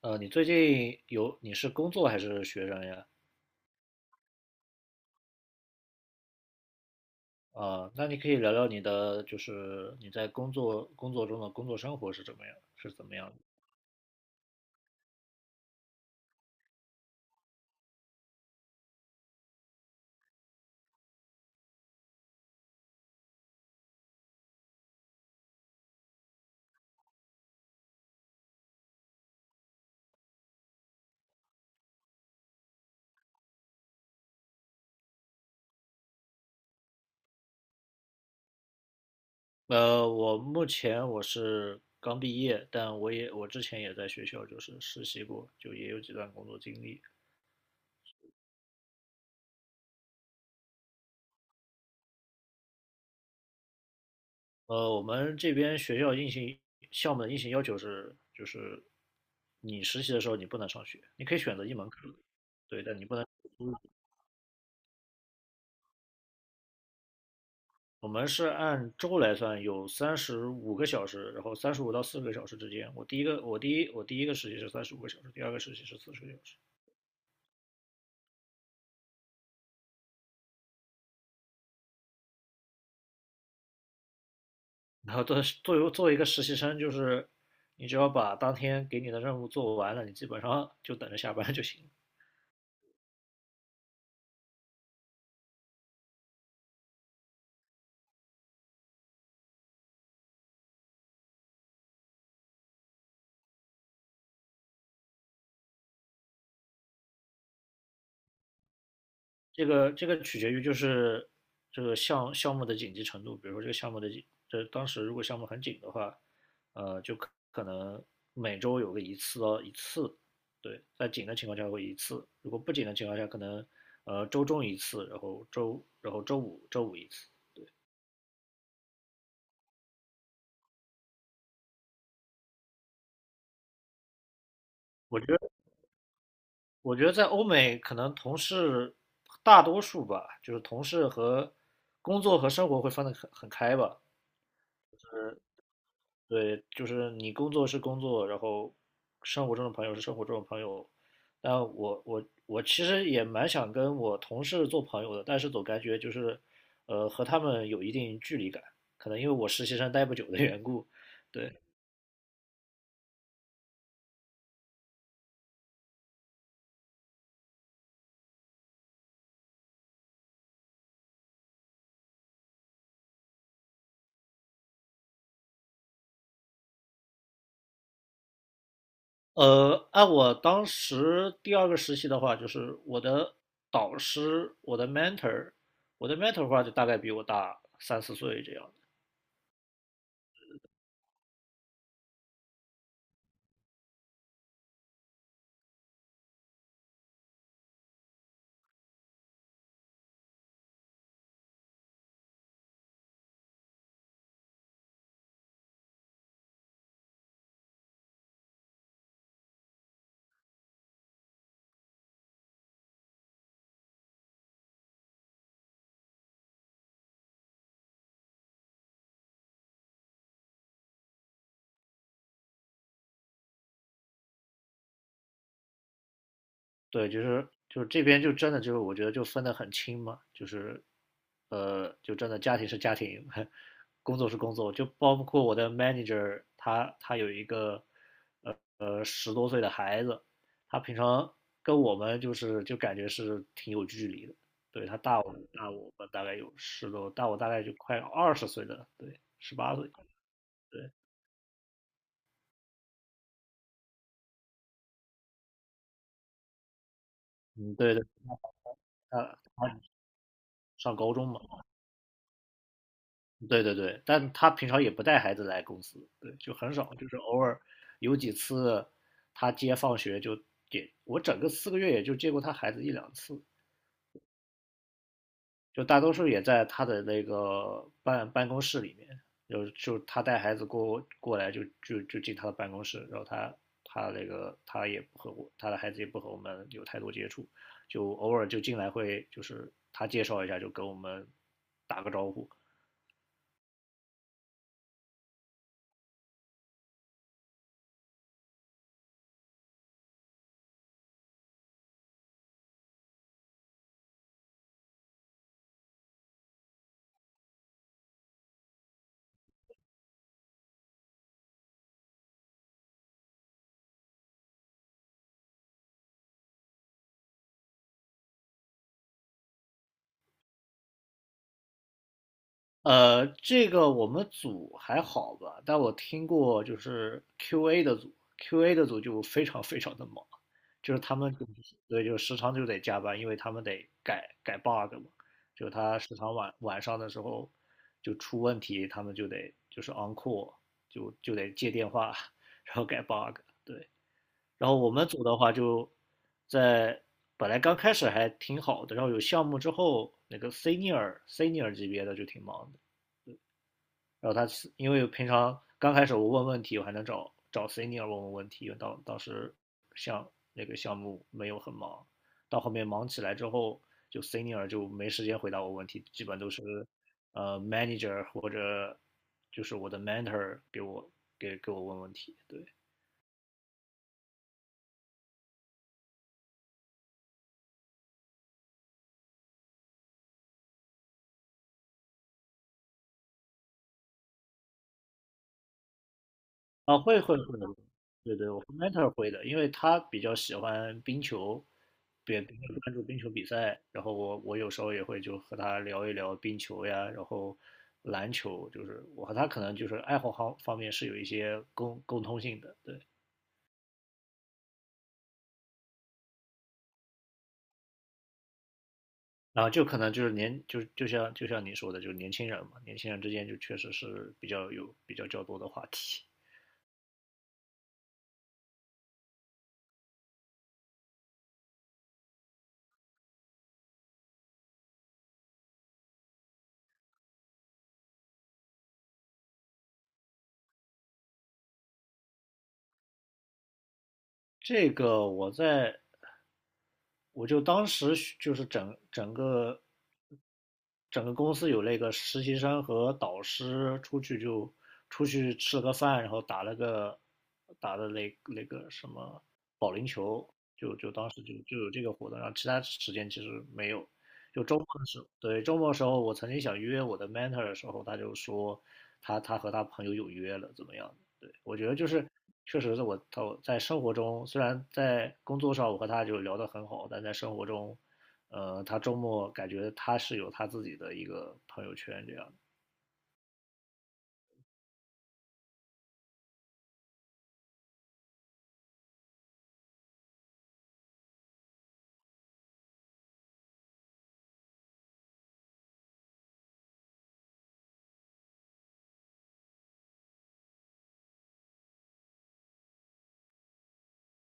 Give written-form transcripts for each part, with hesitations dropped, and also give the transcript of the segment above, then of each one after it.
你最近有，你是工作还是学生呀？啊，那你可以聊聊你的，就是你在工作中的工作生活是怎么样，是怎么样的？我目前刚毕业，但我之前也在学校就是实习过，就也有几段工作经历。我们这边学校硬性项目的硬性要求是，就是你实习的时候你不能上学，你可以选择一门课，对，但你不能。我们是按周来算，有三十五个小时，然后35到40个小时之间。我第一个实习是三十五个小时，第二个实习是四十个小时。然后做做做，作为一个实习生，就是你只要把当天给你的任务做完了，你基本上就等着下班就行。这个取决于就是这个项目的紧急程度，比如说这个项目的紧这当时如果项目很紧的话，就可能每周有个一次到一次，对，在紧的情况下会一次，如果不紧的情况下，可能周中一次，然后周五一次。我觉得我觉得在欧美可能同事大多数吧，就是同事和工作和生活会分得很开吧，对，就是你工作是工作，然后生活中的朋友是生活中的朋友。但我其实也蛮想跟我同事做朋友的，但是总感觉就是，和他们有一定距离感，可能因为我实习生待不久的缘故。对，按我当时第二个实习的话，就是我的导师，我的 mentor,我的 mentor 的话就大概比我大3、4岁这样。对，就是就是这边就真的就是我觉得就分得很清嘛，就是就真的家庭是家庭，工作是工作，就包括我的 manager 他有一个十多岁的孩子，他平常跟我们就是就感觉是挺有距离的，对他大我大我们大概有十多，大概就快20岁的，对，18岁，对，嗯，对对，他他上高中嘛。对对对，但他平常也不带孩子来公司，对，就很少，就是偶尔有几次他接放学就接，我整个4个月也就接过他孩子一两次，就大多数也在他的那个办公室里面，就就他带孩子过来就进他的办公室，然后他他也不和我，他的孩子也不和我们有太多接触，就偶尔就进来会就是他介绍一下就跟我们打个招呼，这个我们组还好吧，但我听过就是 QA 的组，QA 的组就非常的忙，就是他们就对，就时常就得加班，因为他们得改 bug 嘛，就他时常晚上的时候就出问题，他们就得就是 on call,就得接电话，然后改 bug,对。然后我们组的话就在本来刚开始还挺好的，然后有项目之后，那个 senior 级别的就挺忙的。然后他是因为平常刚开始我问问题，我还能找找 senior 问问题，因为当时像那个项目没有很忙，到后面忙起来之后，就 senior 就没时间回答我问题，基本都是manager 或者就是我的 mentor 给我问问题，对。啊，会会会，对对，我 mentor 会的，因为他比较喜欢冰球，也比较关注冰球比赛，然后我有时候也会就和他聊一聊冰球呀，然后篮球，就是我和他可能就是爱好方方面是有一些共通性的，对，然后就可能就是年就就像就像你说的，就是年轻人嘛，年轻人之间就确实是比较较多的话题。这个我在我就当时学就是整个公司有那个实习生和导师出去吃了个饭，然后打的那个什么保龄球，当时就有这个活动，然后其他时间其实没有。就周末的时候，对，周末的时候，我曾经想约我的 mentor 的时候，他就说他和他朋友有约了，怎么样？对，我觉得就是确实是他在生活中，虽然在工作上我和他就聊得很好，但在生活中他周末感觉他是有他自己的一个朋友圈这样的。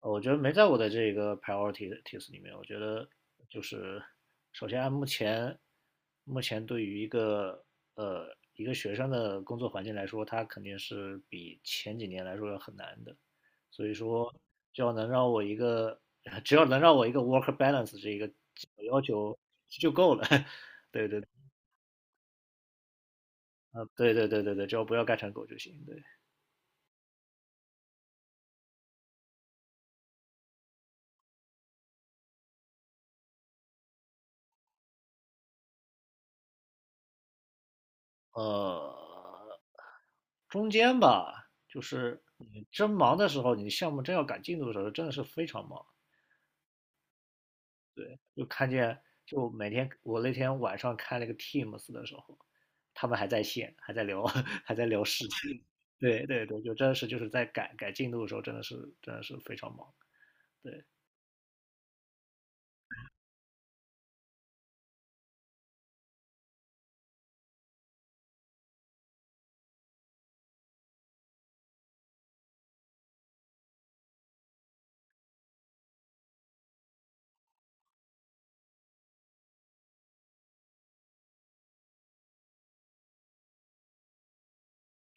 我觉得没在我的这个 priorities 里面。我觉得就是，首先按目前对于一个呃一个学生的工作环境来说，它肯定是比前几年来说要很难的。所以说，只要能让我一个 只要能让我一个 work balance 这一个基本要求就够了。对对，对对对对对，只要不要干成狗就行。对。呃，中间吧，就是你真忙的时候，你项目真要赶进度的时候，真的是非常忙。对，就看见，就每天我那天晚上开了个 Teams 的时候，他们还在线，还在聊，还在聊事情。对对对，就真的是就是在赶进度的时候，真的是非常忙。对，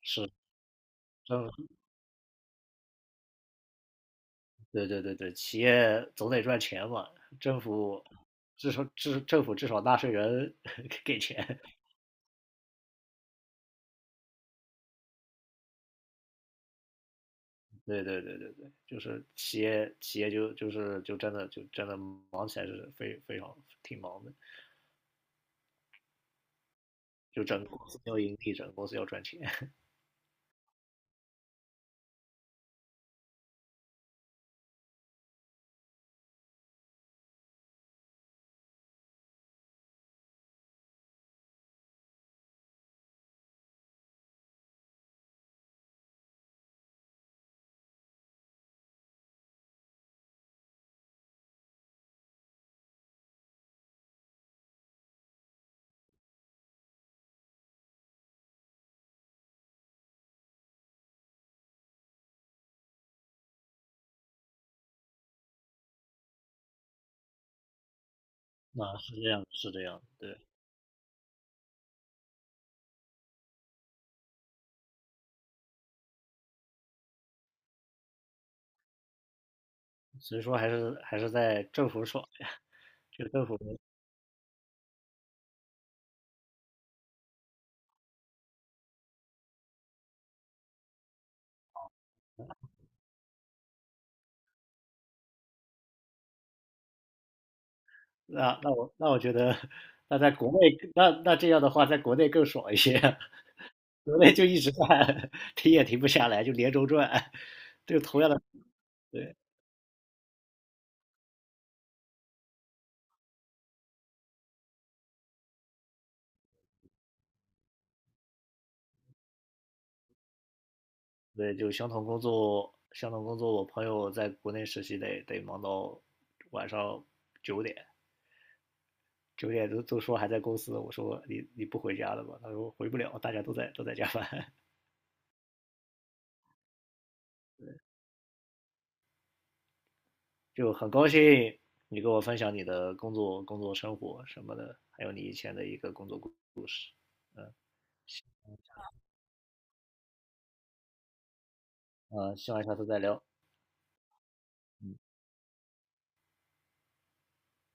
是，真的，对对对对，企业总得赚钱嘛，政府至少至政府至少纳税人 给钱，对对对对对，就是企业企业就就是就真的就真的忙起来是非常挺忙的，就整个公司要盈利，整个公司要赚钱，啊是这样是这样，对，所以说还是还是在政府爽呀，就政府那那我那我觉得那在国内那那这样的话，在国内更爽一些，国内就一直在 停也停不下来，就连轴转，就同样的对。对，就相同工作，相同工作，我朋友在国内实习得忙到晚上九点，九点都说还在公司，我说你不回家了吧？他说回不了，大家都在加班，就很高兴你跟我分享你的工作、工作生活什么的，还有你以前的一个工作故事，嗯，希望下次再聊。嗯